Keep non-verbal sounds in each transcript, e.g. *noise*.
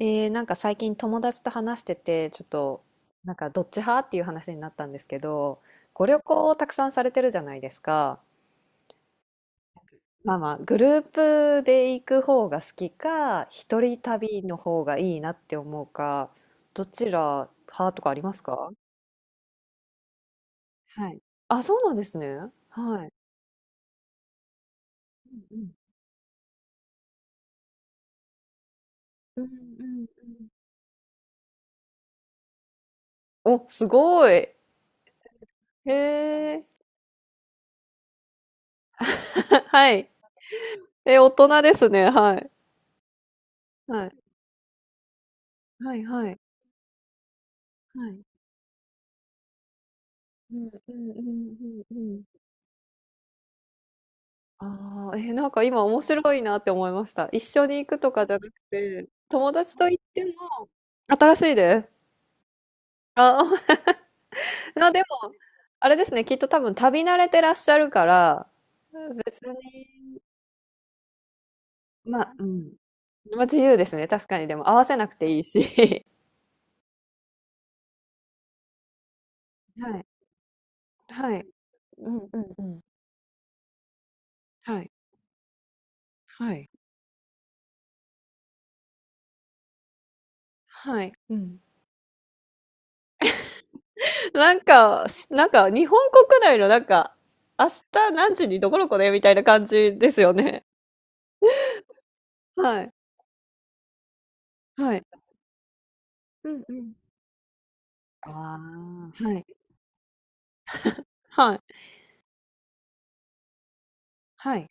なんか最近友達と話してて、ちょっと、なんかどっち派っていう話になったんですけど、ご旅行をたくさんされてるじゃないですか。まあまあ、グループで行く方が好きか、一人旅の方がいいなって思うか、どちら派とかありますか？はい。あ、そうなんですね。はい。うんうんうんうん。お、すごい。へえ。*laughs* はい。*laughs* え、大人ですね。はい。はい。はいはい。はい。うんうんうんうんうん。ああ、え、なんか今面白いなって思いました。一緒に行くとかじゃなくて、友達と行っても、新しいです。*laughs* まあ、でも、あれですね、きっと多分旅慣れてらっしゃるから、別に、まあ、うん。まあ自由ですね、確かに。でも合わせなくていいし。*laughs* はい。*laughs* はい。うんうんうん。はい。はい。はい。うん。なんか、なんか日本国内のなんか、明日何時にどこどこねみたいな感じですよね。はい。はい。うんうん。ああ、はい。はい。はい。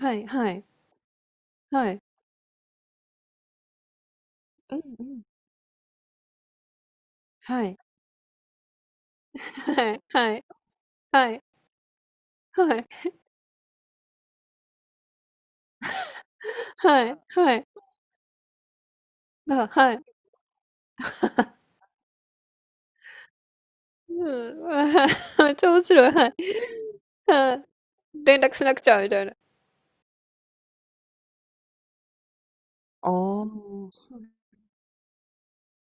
はいはい。はい。うんうん。はい。はいはいはいはいはいはい。はい。うん、*laughs* ああ、めっちゃ面白い。はい。はい。連絡しなくちゃみたいな。ああ。うん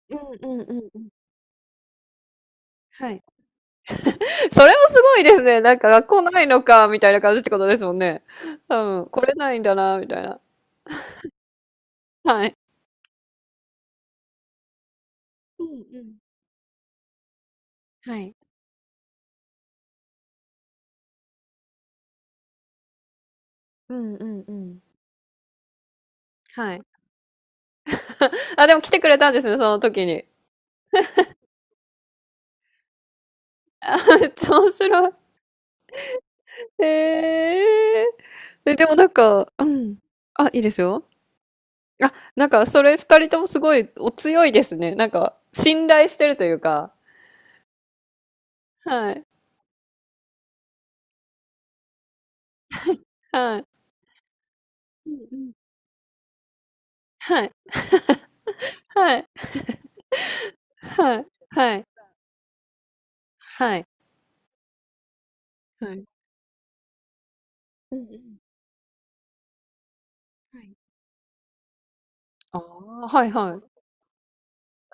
うんうんうん。はい。それもすごいですね。なんか学校ないのか、みたいな感じってことですもんね。多分、来れないんだな、みたいな。はい。うんうん。はい。うんうんうん。はい。*laughs* あ、でも来てくれたんですね、その時に。*laughs* めっちゃ面白い。へえ。え、でもなんかうん。あ、いいですよ。あ、なんかそれ二人ともすごいお強いですね。なんか、信頼してるというか。はい。はい。うんうん。はい。はい。はい。はい。はい。はい。うんうん。はい。ああ、はいはい。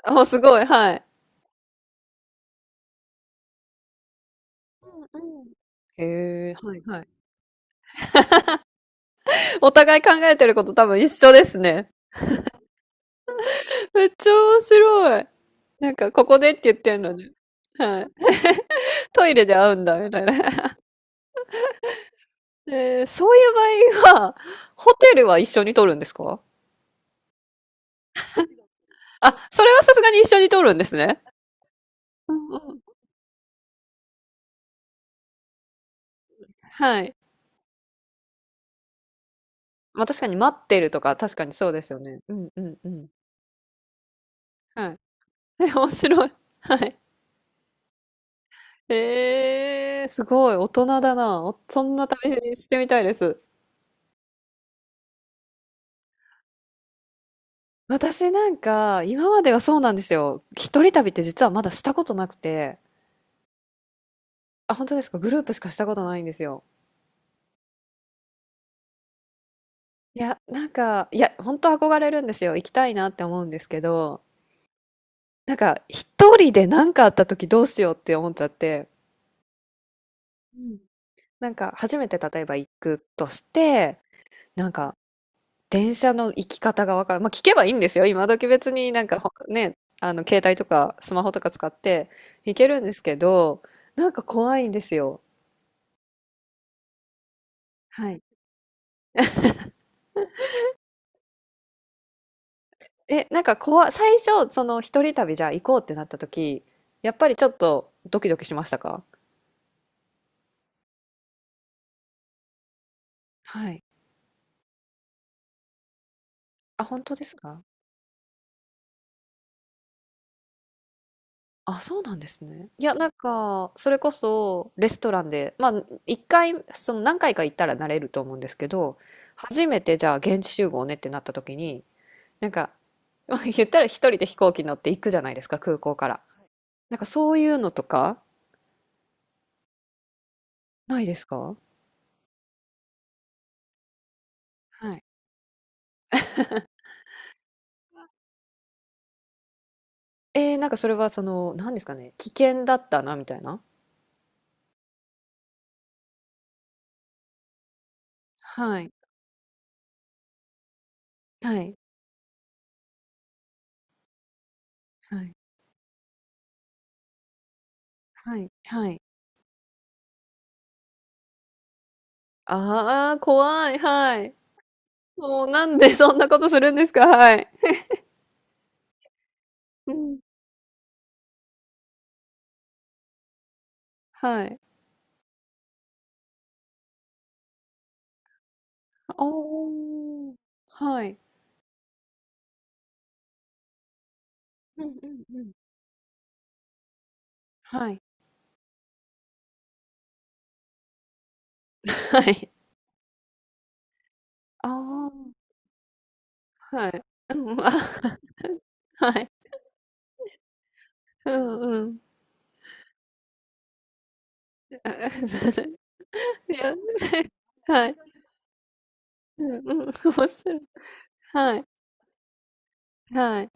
あすごい、はい。うんうん。へえ、はいはい。お互い考えてること多分一緒ですね。めっちゃ面白い。なんかここでって言ってるのに。はい。トイレで会うんだみたいな。*laughs* そういう場合は、ホテルは一緒に取るんですか？あ、それはさすがに一緒に取るんですね。うんうん。はい。ま、確かに待ってるとか、確かにそうですよね。うんうんうん。はい。*laughs* え、面白い。はい。ええすごい、大人だな。そんな旅してみたいです。私なんか、今まではそうなんですよ。一人旅って実はまだしたことなくて。あ、本当ですか？グループしかしたことないんですよ。いや、なんか、いや、本当憧れるんですよ。行きたいなって思うんですけど、なんか、一人で何かあった時どうしようって思っちゃって、うん。なんか、初めて例えば行くとして、なんか、電車の行き方がわからん。まあ、聞けばいいんですよ。今時別になんか携帯とかスマホとか使って行けるんですけど、なんか怖いんですよ。はい。え、なんか怖い、最初、その一人旅じゃあ行こうってなった時、やっぱりちょっとドキドキしましたか？はい。あ、本当ですか？あ、そうなんですね。いや、なんか、それこそ、レストランで、まあ、一回、その何回か行ったら慣れると思うんですけど、初めてじゃあ現地集合ねってなった時に、なんか、*laughs* まあ言ったら一人で飛行機乗って行くじゃないですか、空港から。なんかそういうのとか、ないですか？はい。なんかそれはその、何ですかね、危険だったな、みたいな。はい。はい。はい。はい。はい。ああ、怖い。はい。もうなんでそんなことするんですか？はい。うん。はい。おおはい。うんうんうん。はい。はい。ああ、はい。うん、*laughs* あ、はい。うんうん。*laughs* いや、*laughs* はい。うんうん、*laughs* 面白い。はい。はい。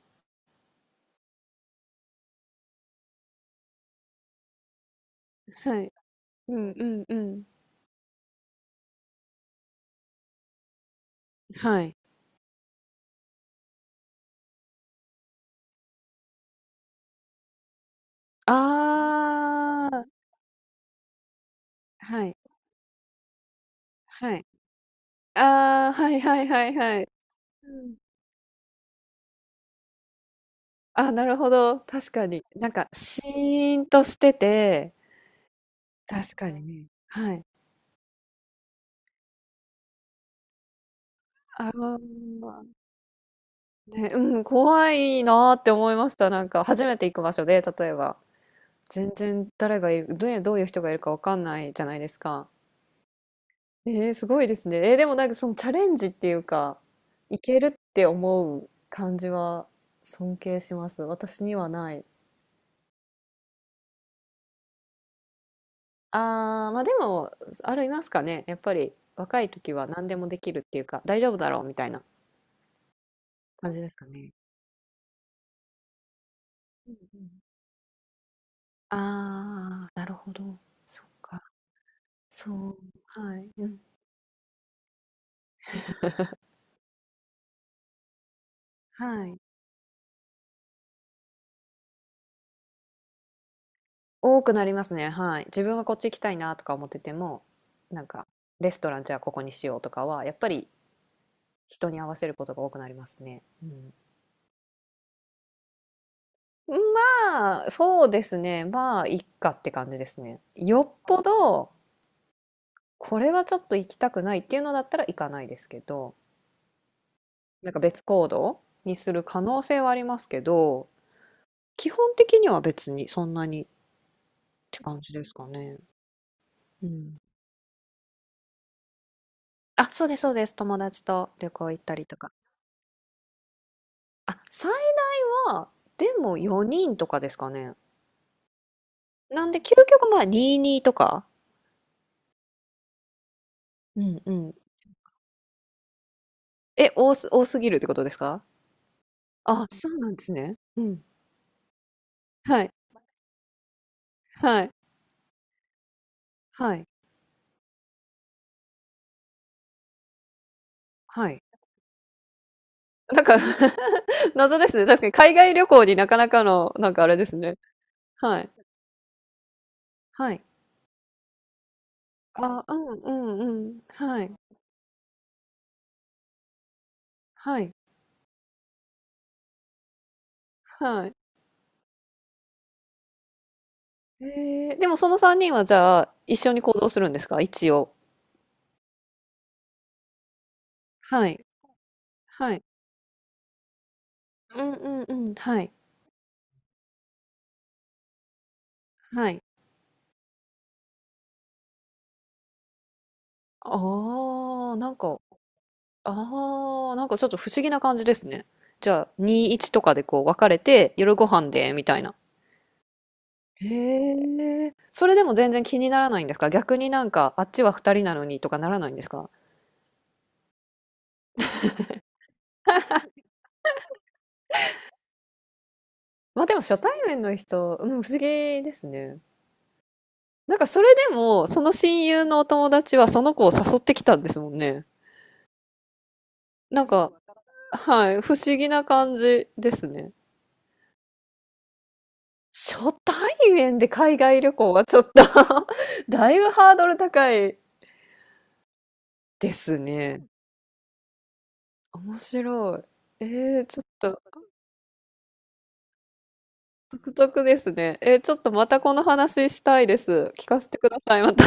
はい。うんうんうん。はい。ああ、はい。はい。ああ、はいはいはいはい。うん。あ、なるほど、確かに。なんかシーンとしてて、確かにね。はい。あのね、うん、怖いなーって思いました。なんか初めて行く場所で、例えば、全然誰がいる、どういう人がいるかわかんないじゃないですか。ええ、すごいですね。でもなんかそのチャレンジっていうか、いけるって思う感じは尊敬します。私にはない。まあでも、ありますかね。やっぱり若い時は何でもできるっていうか、大丈夫だろうみたいな感じですかね。うんうん。なるほど。そっか。そう。はい。うん。はい。多くなりますね。はい。自分はこっち行きたいなとか思ってても、なんか、レストランじゃあここにしようとかは、やっぱり人に合わせることが多くなりますね。うん、まあ、そうですね。まあ、いっかって感じですね。よっぽど、これはちょっと行きたくないっていうのだったら行かないですけど、なんか別行動にする可能性はありますけど、基本的には別にそんなにって感じですかね。うん。あ、そうです、そうです。友達と旅行行ったりとか。あ、最大は、でも4人とかですかね。なんで、究極まあ22とか。うんうん。え、多すぎるってことですか？あ、そうなんですね。うん。はい、はい、はい、はい。なんか *laughs* 謎ですね。確かに海外旅行になかなかの、なんかあれですね。はい、はい。あ、うんうんうん。はい、はい、はい。でもその3人はじゃあ、一緒に行動するんですか？一応。はい、はい。うんうんうん、はい、はい。ああ、なんかああ、なんかちょっと不思議な感じですね。じゃあ、2、1とかでこう分かれて、夜ご飯で、みたいな。へえ。それでも全然気にならないんですか？逆になんか、あっちは2人なのにとかならないんですか？まあでも初対面の人、うん、不思議ですね。なんかそれでも、その親友のお友達はその子を誘ってきたんですもんね。なんか、はい、不思議な感じですね。初対面で海外旅行はちょっと *laughs* だいぶハードル高いですね。面白い。ちょっと独特ですね。ちょっとまたこの話したいです。聞かせてください。また